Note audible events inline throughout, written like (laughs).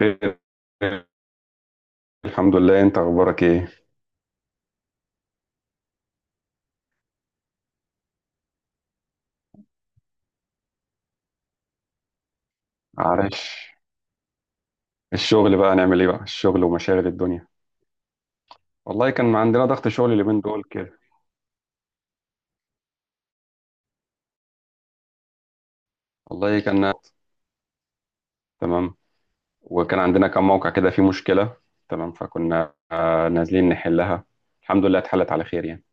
خير. الحمد لله، انت اخبارك ايه؟ عارف، الشغل بقى، نعمل ايه بقى، الشغل ومشاغل الدنيا. والله كان عندنا ضغط شغل اليومين دول كده. والله كان تمام. وكان عندنا كم موقع كده فيه مشكلة، تمام، فكنا نازلين نحلها. الحمد لله اتحلت على خير يعني.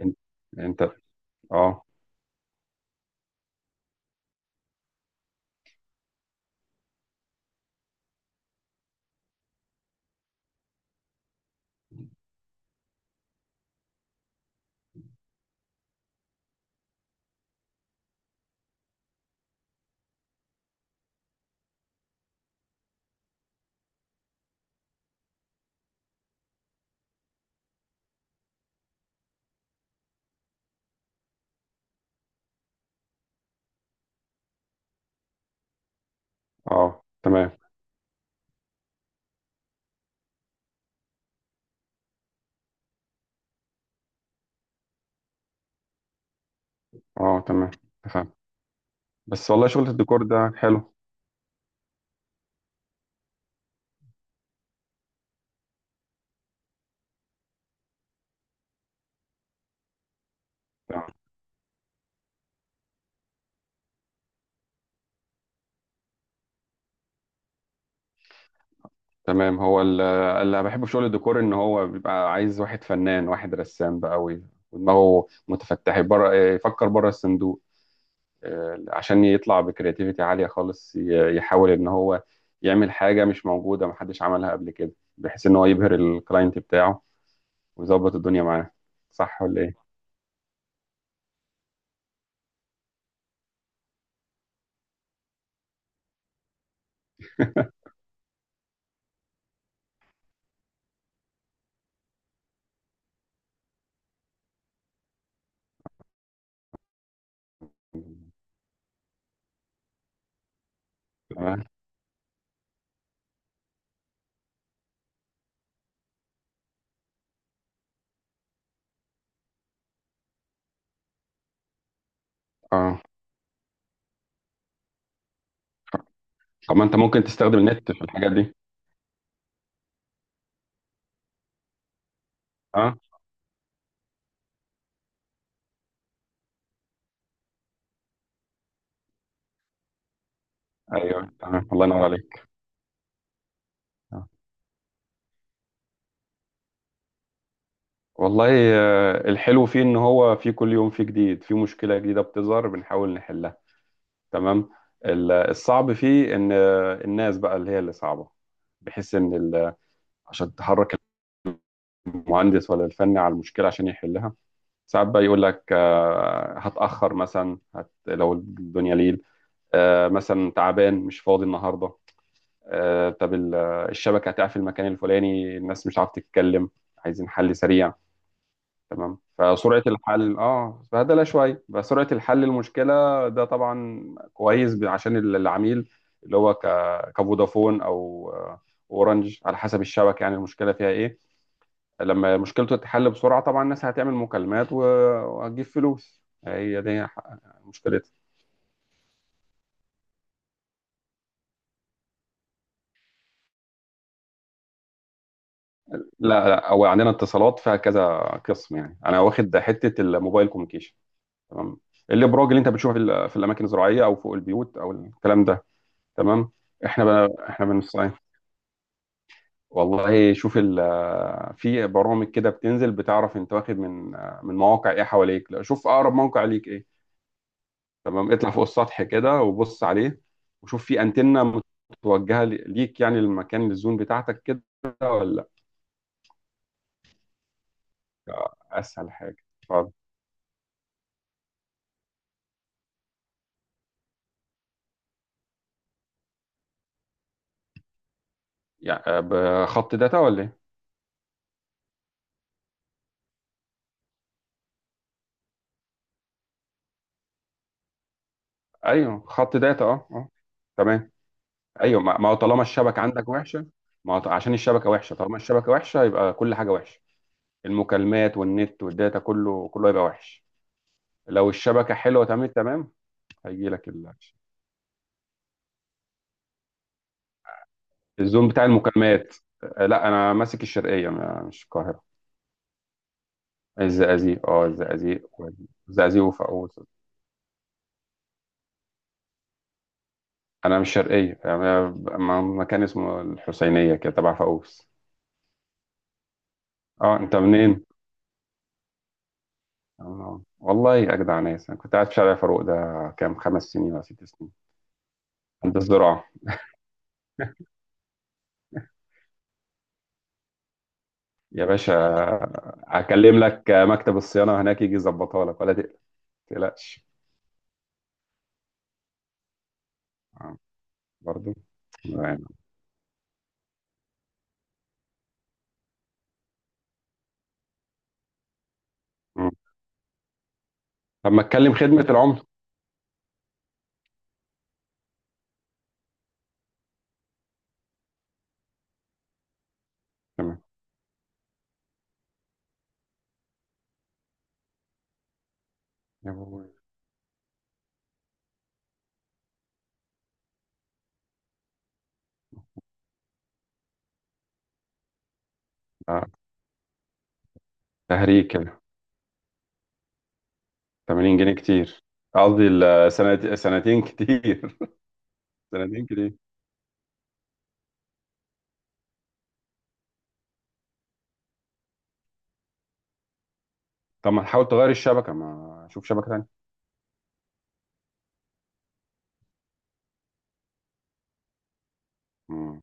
انت انت. اه. اه. تمام. اه، تمام تمام. بس والله شغل الديكور ده حلو. تمام. هو اللي بحبه في شغل الديكور ان هو بيبقى عايز واحد فنان، واحد رسام بقى، ودماغه متفتح بره، يفكر بره الصندوق، عشان يطلع بكرياتيفيتي عالية خالص. يحاول ان هو يعمل حاجة مش موجودة، محدش عملها قبل كده، بحيث ان هو يبهر الكلاينت بتاعه ويظبط الدنيا معاه. صح ولا ايه؟ (laughs) تمام. اه، طب ما انت ممكن تستخدم النت في الحاجات دي. اه، ايوه تمام، الله ينور عليك. آه. والله، الحلو فيه ان هو في كل يوم فيه جديد، في مشكلة جديدة بتظهر بنحاول نحلها، تمام. الصعب فيه ان الناس بقى اللي هي اللي صعبة، بحيث ان عشان تحرك المهندس ولا الفني على المشكلة عشان يحلها. ساعات بقى يقول لك هتأخر مثلا، هت لو الدنيا ليل، مثلا تعبان مش فاضي النهاردة، آه، طب ال- الشبكة هتقع في المكان الفلاني، الناس مش عارفة تتكلم، عايزين حل سريع. تمام، فسرعة الحل، اه، فهدلة شوية، فسرعة الحل المشكلة. ده طبعا كويس عشان العميل اللي هو كفودافون او اورنج، على حسب الشبكة يعني المشكلة فيها ايه. لما مشكلته تتحل بسرعة، طبعا الناس هتعمل مكالمات وهتجيب فلوس، هي دي مشكلتها. لا لا، هو عندنا اتصالات فيها كذا قسم، يعني انا واخد حتة الموبايل كوميونيكيشن. تمام. الابراج اللي انت بتشوفها في في الاماكن الزراعية او فوق البيوت او الكلام ده. تمام. احنا بنصين. والله شوف ال، في برامج كده بتنزل بتعرف انت واخد من مواقع ايه حواليك. لا شوف اقرب موقع ليك ايه. تمام، اطلع فوق السطح كده وبص عليه، وشوف في انتنه متوجهه ليك يعني، للمكان، للزون بتاعتك كده، ولا. لا، اسهل حاجه. اتفضل. يعني بخط داتا ولا ايه؟ ايوه خط داتا، اه اه. تمام. ايوه، ما هو طالما الشبكه عندك وحشه. ما هو ط- عشان الشبكه وحشه، طالما الشبكه وحشه يبقى كل حاجه وحشه، المكالمات والنت والداتا، كله هيبقى وحش. لو الشبكة حلوة تمام، تمام هيجي لك الزوم بتاع المكالمات. لا انا ماسك الشرقية، مش القاهرة. الزقازيق، اه الزقازيق الزقازيق وفاقوس. انا مش شرقية، انا مكان اسمه الحسينية كده تبع فاقوس. اه، انت منين؟ والله اجدع ناس، انا كنت قاعد في شارع فاروق ده كام، 5 سنين ولا 6 سنين، عند الزراعة. يا باشا هكلم لك مكتب الصيانة هناك يجي يظبطها لك، ولا تقلق، ما تقلقش. آه، برضو يعني. مم. طب ما اتكلم خدمة العملة. تمام. يا بوي. آه، تهريج كده. 80 جنيه كتير. قصدي 2 سنين كتير. (laughs) 2 سنين كتير. طب ما تحاول تغير الشبكة، ما شوف شبكة تانية. مم.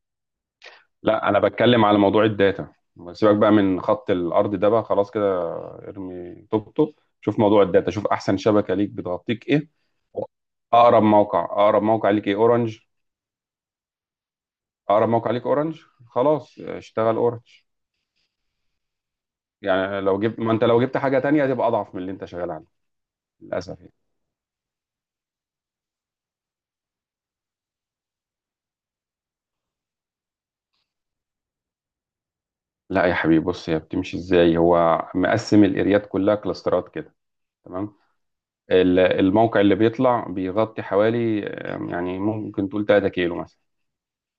لا انا بتكلم على موضوع الداتا، سيبك بقى من خط الارض ده بقى، خلاص كده ارمي طوبته. شوف موضوع الداتا، شوف احسن شبكة ليك بتغطيك ايه، اقرب موقع، اقرب موقع ليك ايه. اورنج، اقرب موقع ليك اورنج، خلاص اشتغل اورنج. يعني لو جبت، ما انت لو جبت حاجة تانية هتبقى اضعف من اللي انت شغال عليه. للاسف يعني. لا يا حبيبي بص، هي بتمشي ازاي، هو مقسم الاريات كلها كلاسترات كده. تمام. الموقع اللي بيطلع بيغطي حوالي يعني ممكن تقول 3 كيلو مثلا،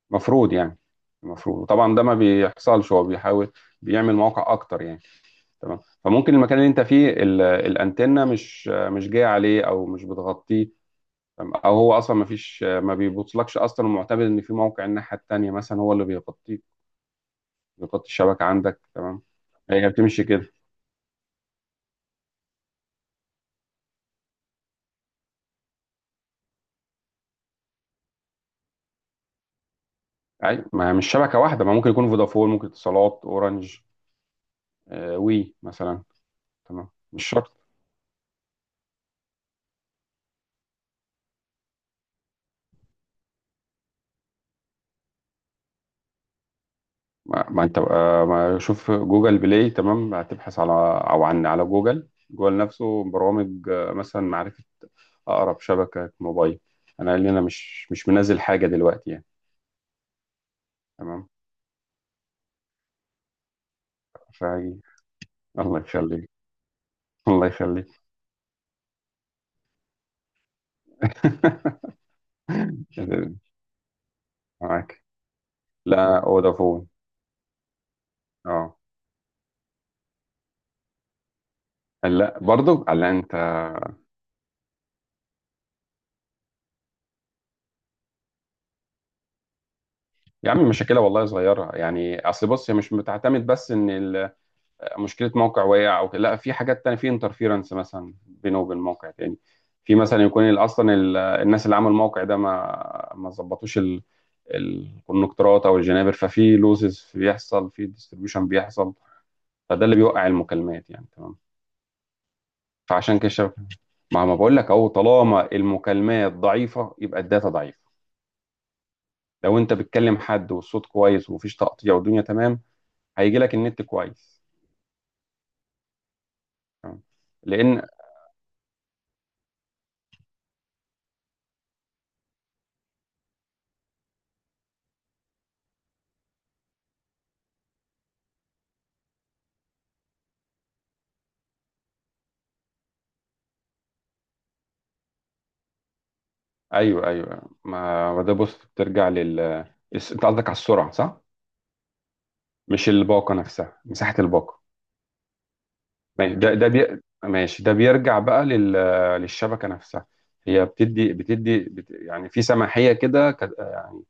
مفروض يعني. المفروض طبعا ده ما بيحصلش، هو بيحاول بيعمل مواقع اكتر يعني. تمام. فممكن المكان اللي انت فيه الانتنه مش مش جايه عليه او مش بتغطيه، تمام؟ او هو اصلا ما فيش، ما بيبوصلكش اصلا، ومعتمد ان في موقع الناحيه التانيه مثلا هو اللي بيغطيه نقاط الشبكة عندك. تمام، هي بتمشي كده. أي ما هي مش شبكة واحدة، ما ممكن يكون فودافون، ممكن اتصالات، أورنج، وي مثلا، تمام، مش شرط. ما, ما أنت بقى ما شوف جوجل بلاي، تمام، هتبحث على أو عن على جوجل، جوجل نفسه، برامج مثلا معرفة أقرب شبكة موبايل. أنا قال لي أنا مش منزل حاجة دلوقتي يعني. تمام. فهي، الله يخليك. الله يخليك. (laughs) معاك. لا، فودافون. اه، لا برضو على انت. يا عم مشاكلها والله صغيرة يعني. أصل بص هي مش بتعتمد بس إن مشكلة موقع وقع أو كده، لا في حاجات تانية، في انترفيرنس مثلا بينه وبين موقع تاني، في مثلا يكون الناس اللي عملوا الموقع ده ما ظبطوش الكونكتورات أو الجنابر، ففي لوزز بيحصل، في ديستريبيوشن بيحصل، فده اللي بيوقع المكالمات يعني، تمام. فعشان كده الشبكة، ما بقول لك أهو، طالما المكالمات ضعيفة يبقى الداتا ضعيفة. لو أنت بتكلم حد والصوت كويس ومفيش تقطيع والدنيا تمام، هيجي لك النت كويس، تمام. لان ايوه ايوه، ما ده بص بترجع لل، انت قصدك على السرعه صح، مش الباقه نفسها، مساحه الباقه. ماشي، ده بيرجع بقى للشبكه نفسها. هي بتدي يعني في سماحيه كده، يعني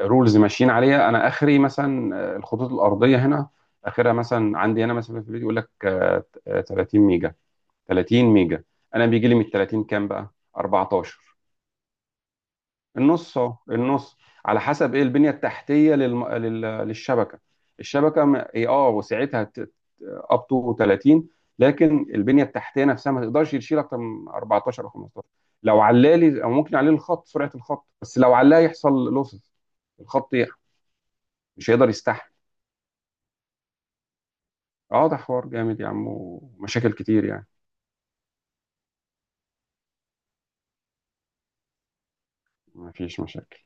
رولز ماشيين عليها، انا اخري مثلا الخطوط الارضيه هنا اخرها مثلا عندي هنا مثلا في البيت يقول لك 30 ميجا، 30 ميجا انا بيجي لي من 30 كام بقى، 14، النص اهو النص. على حسب ايه البنيه التحتيه للشبكه. الشبكه هي اه وسعتها اب تو 30، لكن البنيه التحتيه نفسها ما تقدرش تشيل اكتر من 14 او 15. لو علالي او ممكن يعلي الخط، سرعه الخط، بس لو علاه يحصل لوسز، الخط يح- مش هيقدر يستحمل. اه ده حوار جامد يا عم، ومشاكل كتير يعني. ما فيش مشاكل.